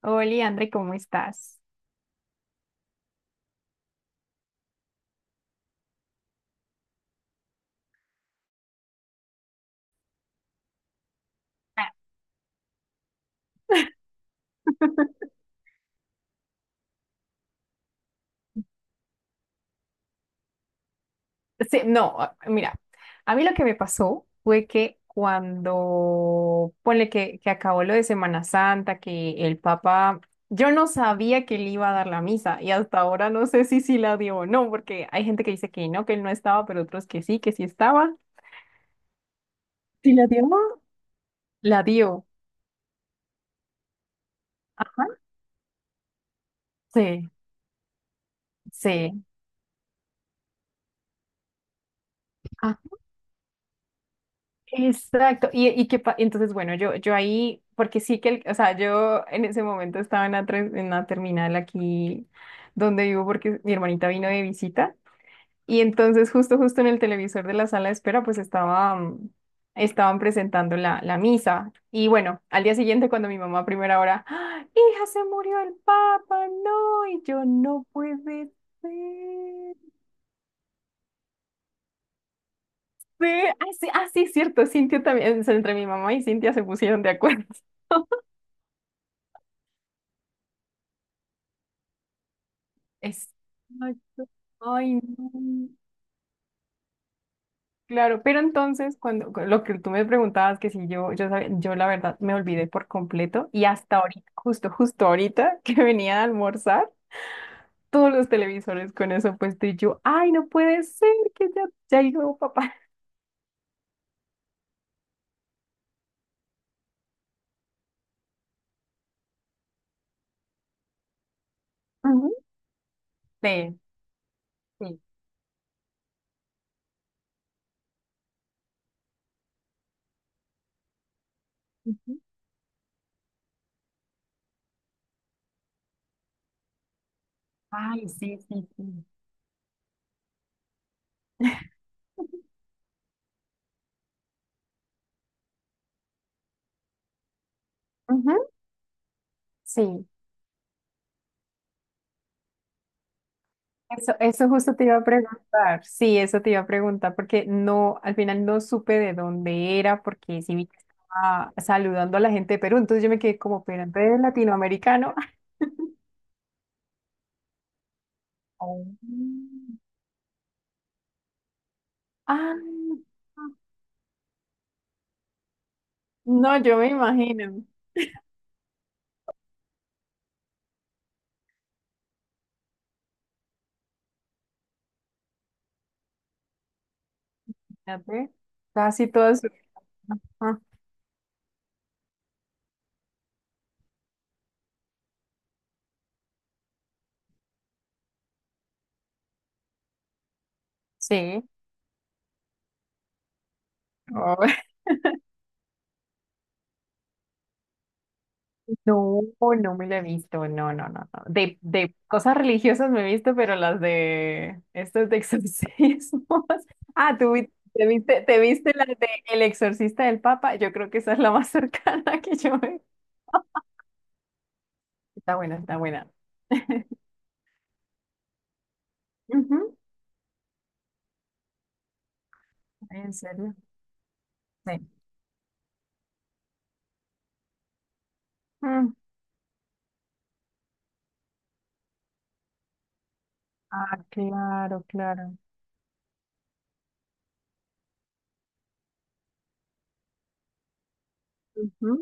Hola, André, ¿cómo estás? Ah. Sí, no, mira, a mí lo que me pasó fue que cuando, ponle que acabó lo de Semana Santa, que el Papa, yo no sabía que él iba a dar la misa y hasta ahora no sé si sí la dio o no, porque hay gente que dice que no, que él no estaba, pero otros que sí estaba. ¿Sí la dio? La dio. Ajá. Sí, sí. Exacto, y entonces, bueno, yo ahí, porque sí que, o sea, yo en ese momento estaba en la terminal aquí donde vivo porque mi hermanita vino de visita y entonces justo en el televisor de la sala de espera, pues estaban presentando la misa y bueno, al día siguiente cuando mi mamá a primera hora, "¡Ah! hija, se murió el papa, no, y yo no puede ser. Ah, sí, así, así, cierto, Cintia también, o sea, entre mi mamá y Cintia se pusieron de acuerdo. Exacto. Ay, no. Claro, pero entonces cuando lo que tú me preguntabas que si yo la verdad me olvidé por completo y hasta ahorita, justo ahorita que venía a almorzar, todos los televisores con eso puesto y yo, ay, no puede ser que ya llegó papá. Ujú. Sí, sí. Ujú. Ay, sí, sí, sí. Ujú. Sí. Eso justo te iba a preguntar. Sí, eso te iba a preguntar porque no, al final no supe de dónde era porque sí vi que estaba saludando a la gente de Perú, entonces yo me quedé como, pero entonces latinoamericano. Oh. Ah, no, yo me imagino. Fíjate, casi toda su... Ajá, sí. No, no me la he visto, no, no, no, no. De cosas religiosas me he visto, pero las de estos de exorcismos. Ah, tú vi- te viste la de El Exorcista del Papa. Yo creo que esa es la más cercana que yo me. Está buena, está buena. Ujú. En serio. Sí. Mm. Ah, claro, claro. Ujú.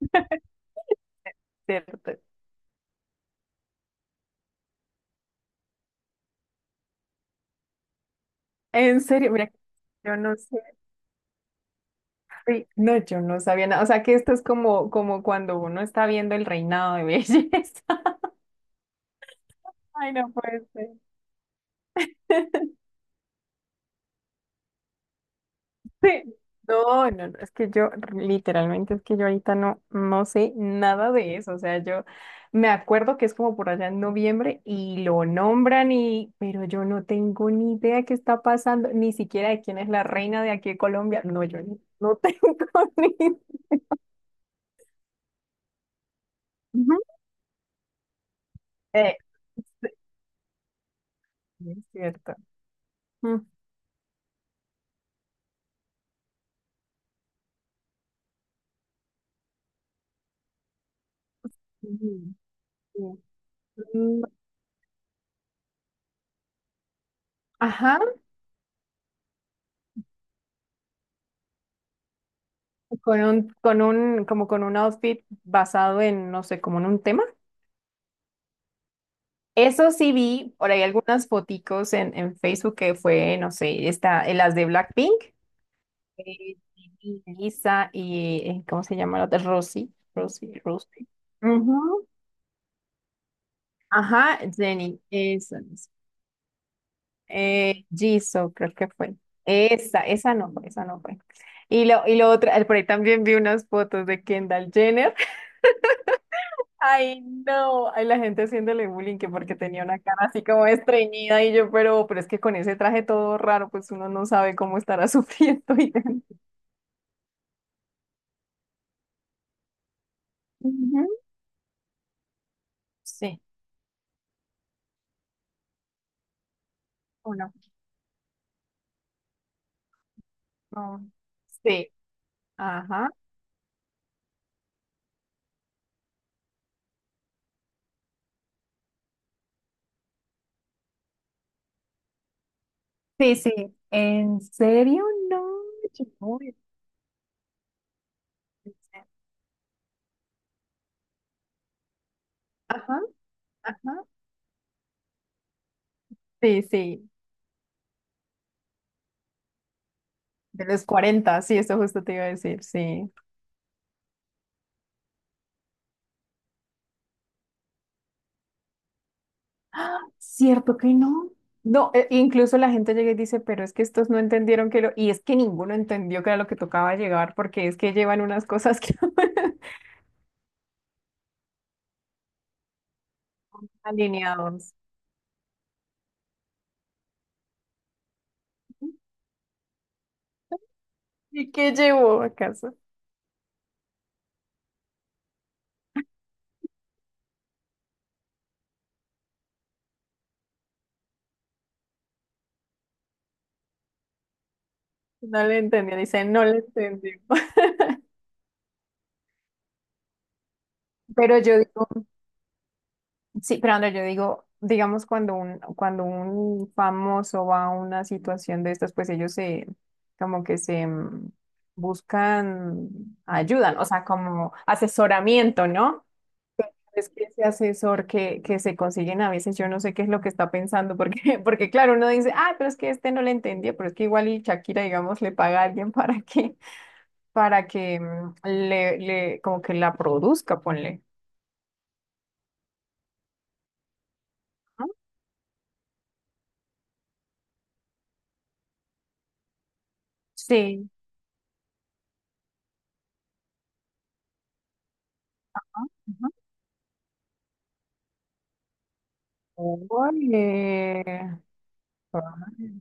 Cierto. En serio, mira, yo no sé. Uy, no, yo no sabía nada. O sea que esto es como cuando uno está viendo el reinado de belleza. Ay, no puede ser. Sí. No, no, no, es que yo literalmente es que yo ahorita no, no sé nada de eso. O sea, yo me acuerdo que es como por allá en noviembre y lo nombran y, pero yo no tengo ni idea qué está pasando, ni siquiera de quién es la reina de aquí de Colombia. No, yo no, no tengo ni idea. Ujú. Eh, sí, sí, es cierto. Mm. Ujú, sí. Mm, ajá, como con un outfit basado en, no sé, como en un tema. Eso sí vi por ahí algunas foticos en Facebook que fue, no sé, esta, las de Blackpink, eh, Lisa y, ¿cómo se llama la otra? Rosy Ujú. Ajá, Jenny, esa. Es. Jisoo, creo que fue. Esa no fue, esa no fue. Y lo otro, por ahí también vi unas fotos de Kendall Jenner. Ay, no. Ay, la gente haciéndole bullying que porque tenía una cara así como estreñida y yo, pero es que con ese traje todo raro, pues uno no sabe cómo estará sufriendo. Ujú. Sí, uno. No. Sí, ajá. Sí, sí. ¿En serio? No. Yo no voy a pensar. Ajá, ajá. Sí, sí. De los 40, sí, eso justo te iba a decir, sí. Cierto que no. No, incluso la gente llega y dice, pero es que estos no entendieron que lo... Y es que ninguno entendió que era lo que tocaba llegar, porque es que llevan unas cosas que alineados. ¿Y qué llevó acaso? No le entendió, dice, no le entendió. Pero yo digo, sí, pero Andrea, yo digo, digamos, cuando un famoso va a una situación de estas, pues ellos se, como que se buscan, ayudan, o sea, como asesoramiento, ¿no? Es que ese asesor que se consiguen a veces, yo no sé qué es lo que está pensando, porque, porque claro, uno dice, ah, pero es que este no le entendió, pero es que igual y Shakira, digamos, le paga a alguien para que le, como que la produzca, ponle. ¿No? Sí. Ujú. Ole. Ay.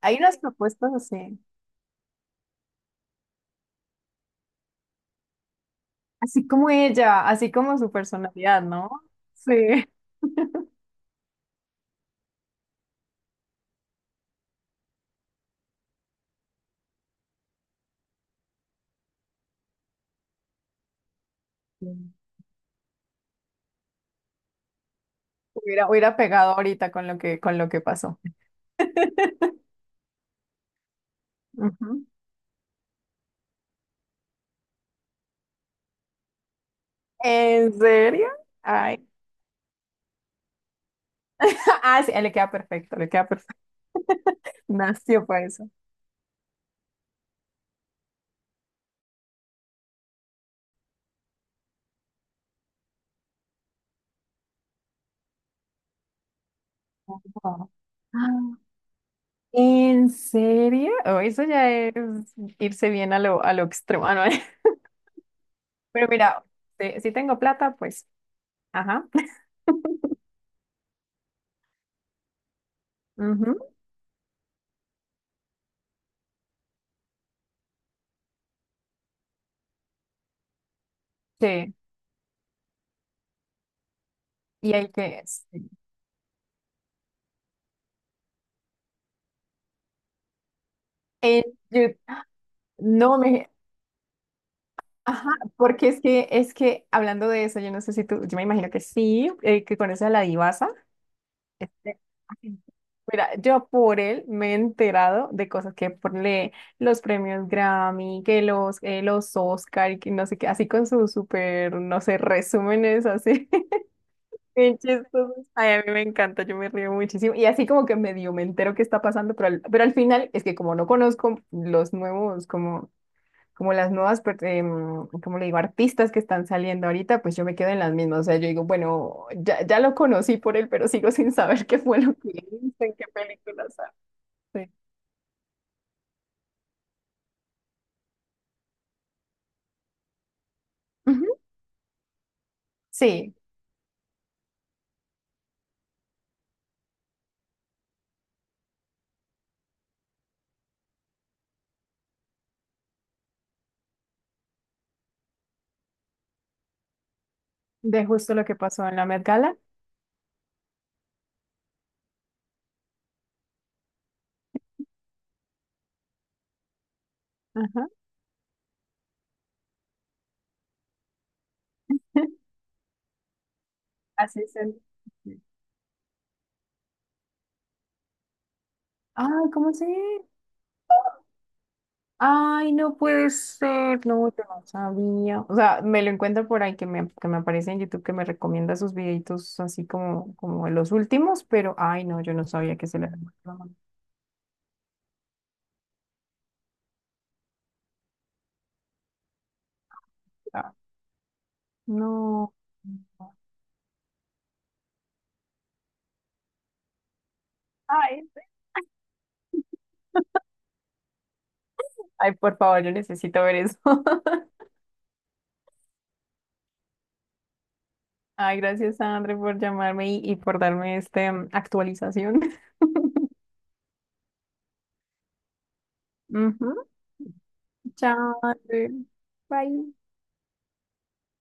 Hay unas propuestas así, así como ella, así como su personalidad, ¿no? Sí. Sí. Hubiera pegado ahorita con lo que, pasó. Ujú. ¿En serio? Ay. Ah, sí, le queda perfecto, le queda perfecto. Nació para eso. Wow. Ah, ¿en serio? Oh, eso ya es irse bien a lo extremo, ah, ¿no? Pero mira, si tengo plata, pues, ajá. Ujú, sí, y hay que... sí. En Yu- no me... Ajá, porque es que hablando de eso, yo no sé si tú, yo me imagino que sí, que conoces a la divasa. Este, así. Mira, yo por él me he enterado de cosas que por los premios Grammy, que los Oscar y que no sé qué, así con sus súper, no sé, resúmenes así, bien chistosos. Ay, a mí me encanta, yo me río muchísimo. Y así como que medio me entero qué está pasando, pero pero al final es que como no conozco los nuevos, como las nuevas, como le digo, artistas que están saliendo ahorita, pues yo me quedo en las mismas. O sea, yo digo, bueno, ya, ya lo conocí por él, pero sigo sin saber qué fue lo que hizo, en qué películas hace. Ujú, sí, de justo lo que pasó en la Met Gala. Ajá. Así es. Ay, ¿cómo se? Ay, no puede ser, no, yo no sabía. O sea, me lo encuentro por ahí que me aparece en YouTube que me recomienda sus videitos como los últimos, pero ay, no, yo no sabía que se le había muerto la mamá. No. Ay, ay, por favor, yo necesito ver eso. Ay, gracias, André, por llamarme y por darme esta actualización. Ujú. Chao, André. Bye.